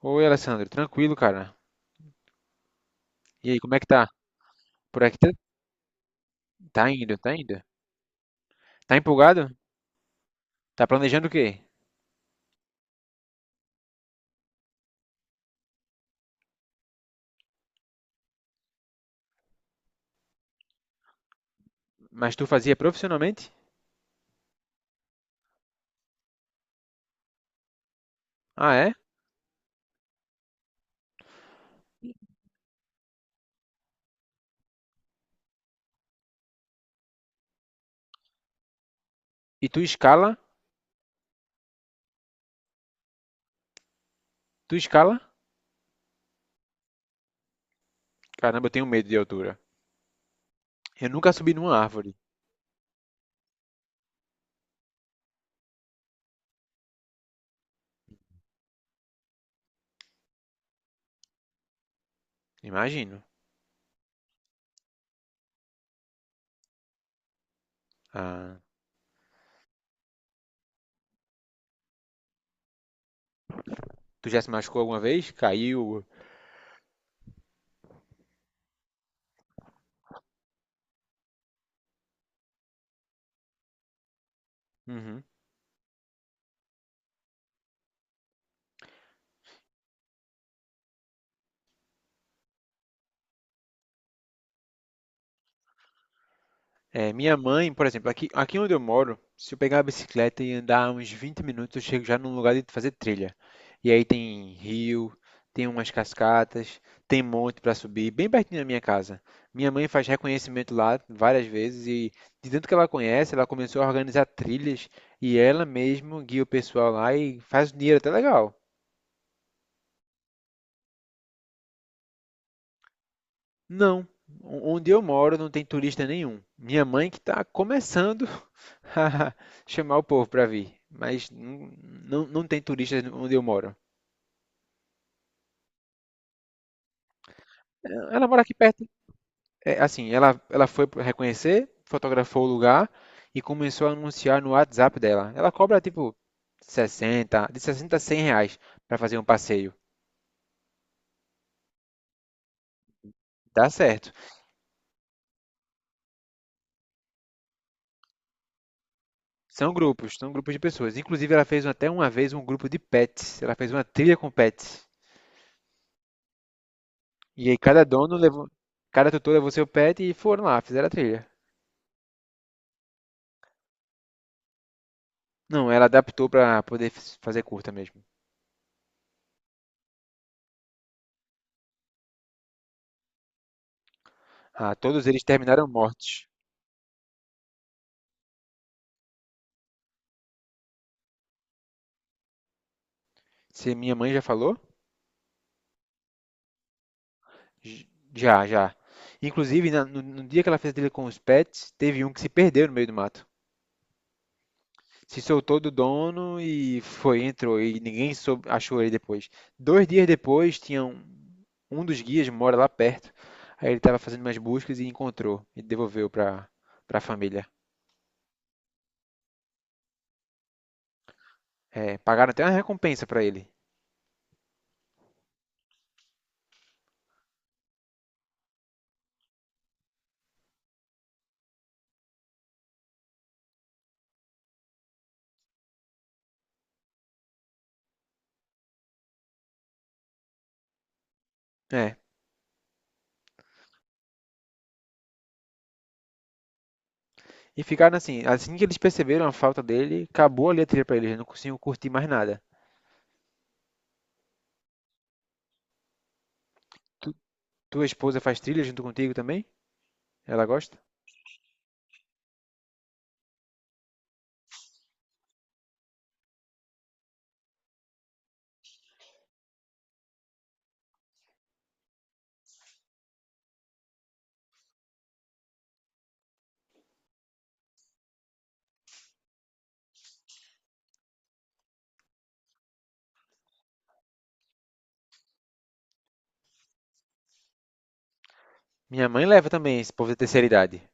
Oi, Alessandro, tranquilo, cara. E aí, como é que tá? Por aqui tá, tá indo, tá indo. Tá empolgado? Tá planejando o quê? Mas tu fazia profissionalmente? Ah, é? E tu escala? Tu escala? Caramba, eu tenho medo de altura. Eu nunca subi numa árvore, imagino. Ah, tu já se machucou alguma vez? Caiu? Uhum. É, minha mãe, por exemplo, aqui onde eu moro, se eu pegar a bicicleta e andar uns 20 minutos, eu chego já num lugar de fazer trilha. E aí tem rio, tem umas cascatas, tem monte para subir, bem pertinho da minha casa. Minha mãe faz reconhecimento lá várias vezes e, de tanto que ela conhece, ela começou a organizar trilhas e ela mesma guia o pessoal lá e faz dinheiro até legal. Não, onde eu moro não tem turista nenhum. Minha mãe que está começando chamar o povo para vir, mas não, não, não tem turistas onde eu moro. Ela mora aqui perto. É, assim, ela foi reconhecer, fotografou o lugar e começou a anunciar no WhatsApp dela. Ela cobra tipo 60 de 60 a 100 reais para fazer um passeio. Dá certo. São grupos de pessoas. Inclusive, ela fez até uma vez um grupo de pets. Ela fez uma trilha com pets. E aí cada dono levou, cada tutor levou seu pet e foram lá, fizeram a trilha. Não, ela adaptou para poder fazer curta mesmo. Ah, todos eles terminaram mortos. Se minha mãe já falou? J- Já, já. Inclusive, no dia que ela fez dele com os pets, teve um que se perdeu no meio do mato. Se soltou do dono e foi, entrou e ninguém soube, achou ele depois. 2 dias depois, tinha um dos guias mora lá perto. Aí ele estava fazendo umas buscas e encontrou e devolveu para a família. É, pagaram até uma recompensa para ele. É. E ficaram assim, assim que eles perceberam a falta dele, acabou ali a trilha para eles, não conseguiam curtir mais nada. Tua esposa faz trilha junto contigo também? Ela gosta? Minha mãe leva também esse povo da terceira idade.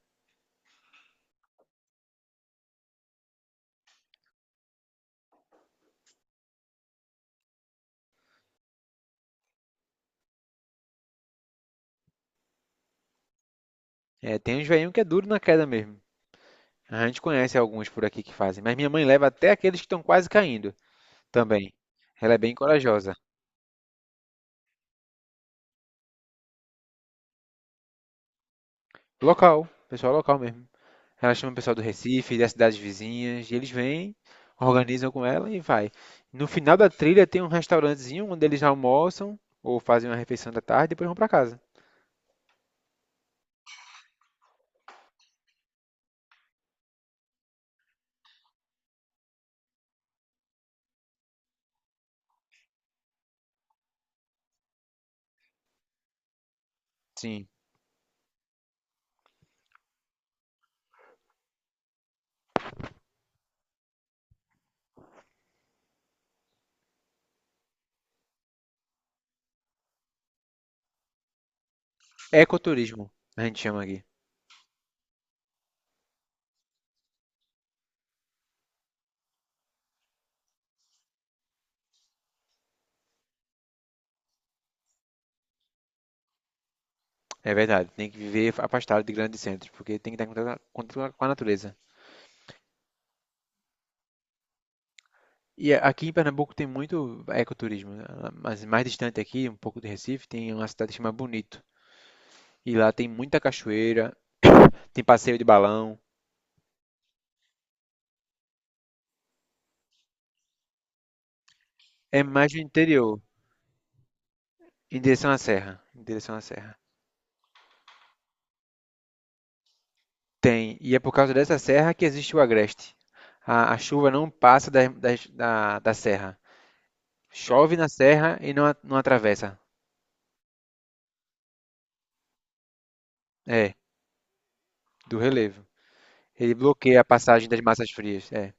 É, tem uns velhinhos que é duro na queda mesmo. A gente conhece alguns por aqui que fazem, mas minha mãe leva até aqueles que estão quase caindo também. Ela é bem corajosa. Local, pessoal local mesmo. Ela chama o pessoal do Recife, das cidades vizinhas, e eles vêm, organizam com ela e vai. No final da trilha tem um restaurantezinho onde eles almoçam ou fazem uma refeição da tarde e depois vão para casa. Sim, ecoturismo, a gente chama aqui. É verdade, tem que viver afastado de grandes centros, porque tem que estar em contato com a natureza. E a- aqui em Pernambuco tem muito ecoturismo, né? Mas mais distante aqui, um pouco de Recife, tem uma cidade que chama Bonito. E lá tem muita cachoeira, tem passeio de balão. É mais do interior, em direção à serra, em direção à serra. Tem, e é por causa dessa serra que existe o agreste. A chuva não passa da serra. Chove na serra e não, não atravessa. É, do relevo. Ele bloqueia a passagem das massas frias. É.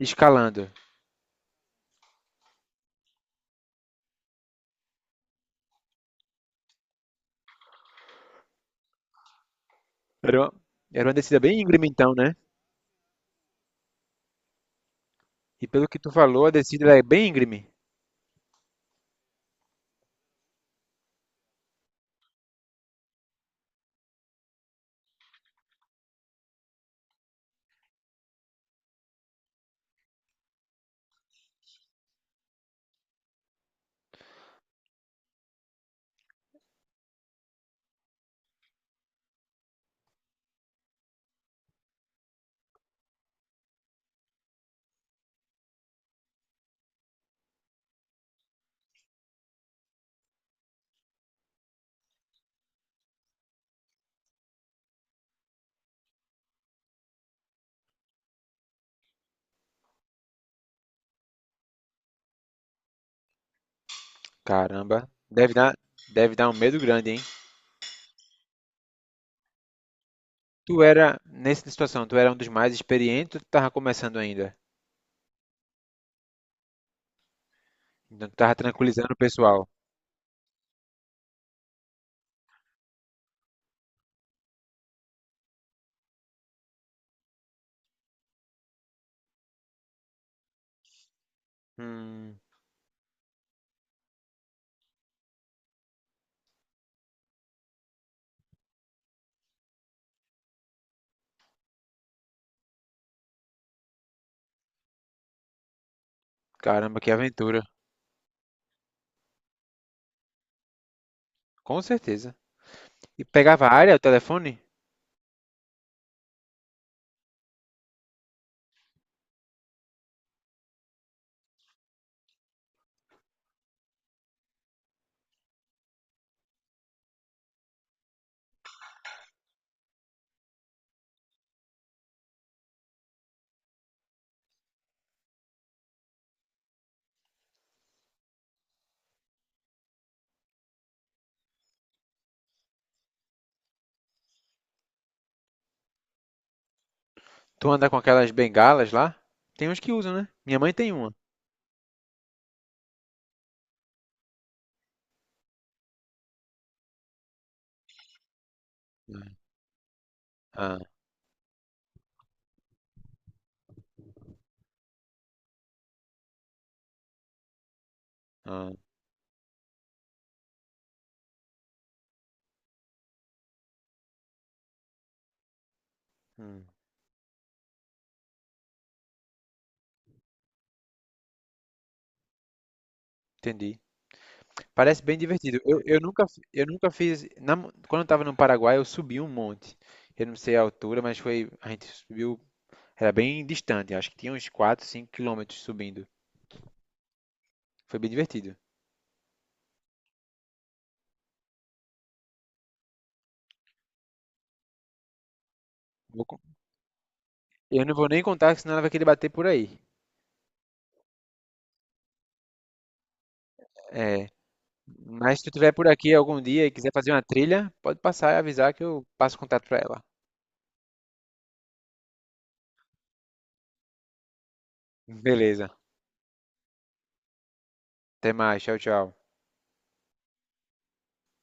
Escalando. Era uma, era uma descida bem íngreme então, né? E pelo que tu falou, a descida é bem íngreme. Caramba, deve dar um medo grande, hein? Tu era, nessa situação, tu era um dos mais experientes ou tu tava começando ainda? Então tu tava tranquilizando o pessoal. Hum, caramba, que aventura. Com certeza. E pegava a área, o telefone? Tu anda com aquelas bengalas lá? Tem uns que usam, né? Minha mãe tem uma. Ah, ah, hum, entendi. Parece bem divertido. Eu nunca fiz. Quando eu estava no Paraguai, eu subi um monte. Eu não sei a altura, mas foi. A gente subiu. Era bem distante, acho que tinha uns 4, 5 quilômetros subindo. Foi bem divertido. Vou con- eu não vou nem contar, senão ela vai querer bater por aí. É, mas se tu estiver por aqui algum dia e quiser fazer uma trilha, pode passar e avisar que eu passo contato para ela. Beleza. Até mais. Tchau, tchau.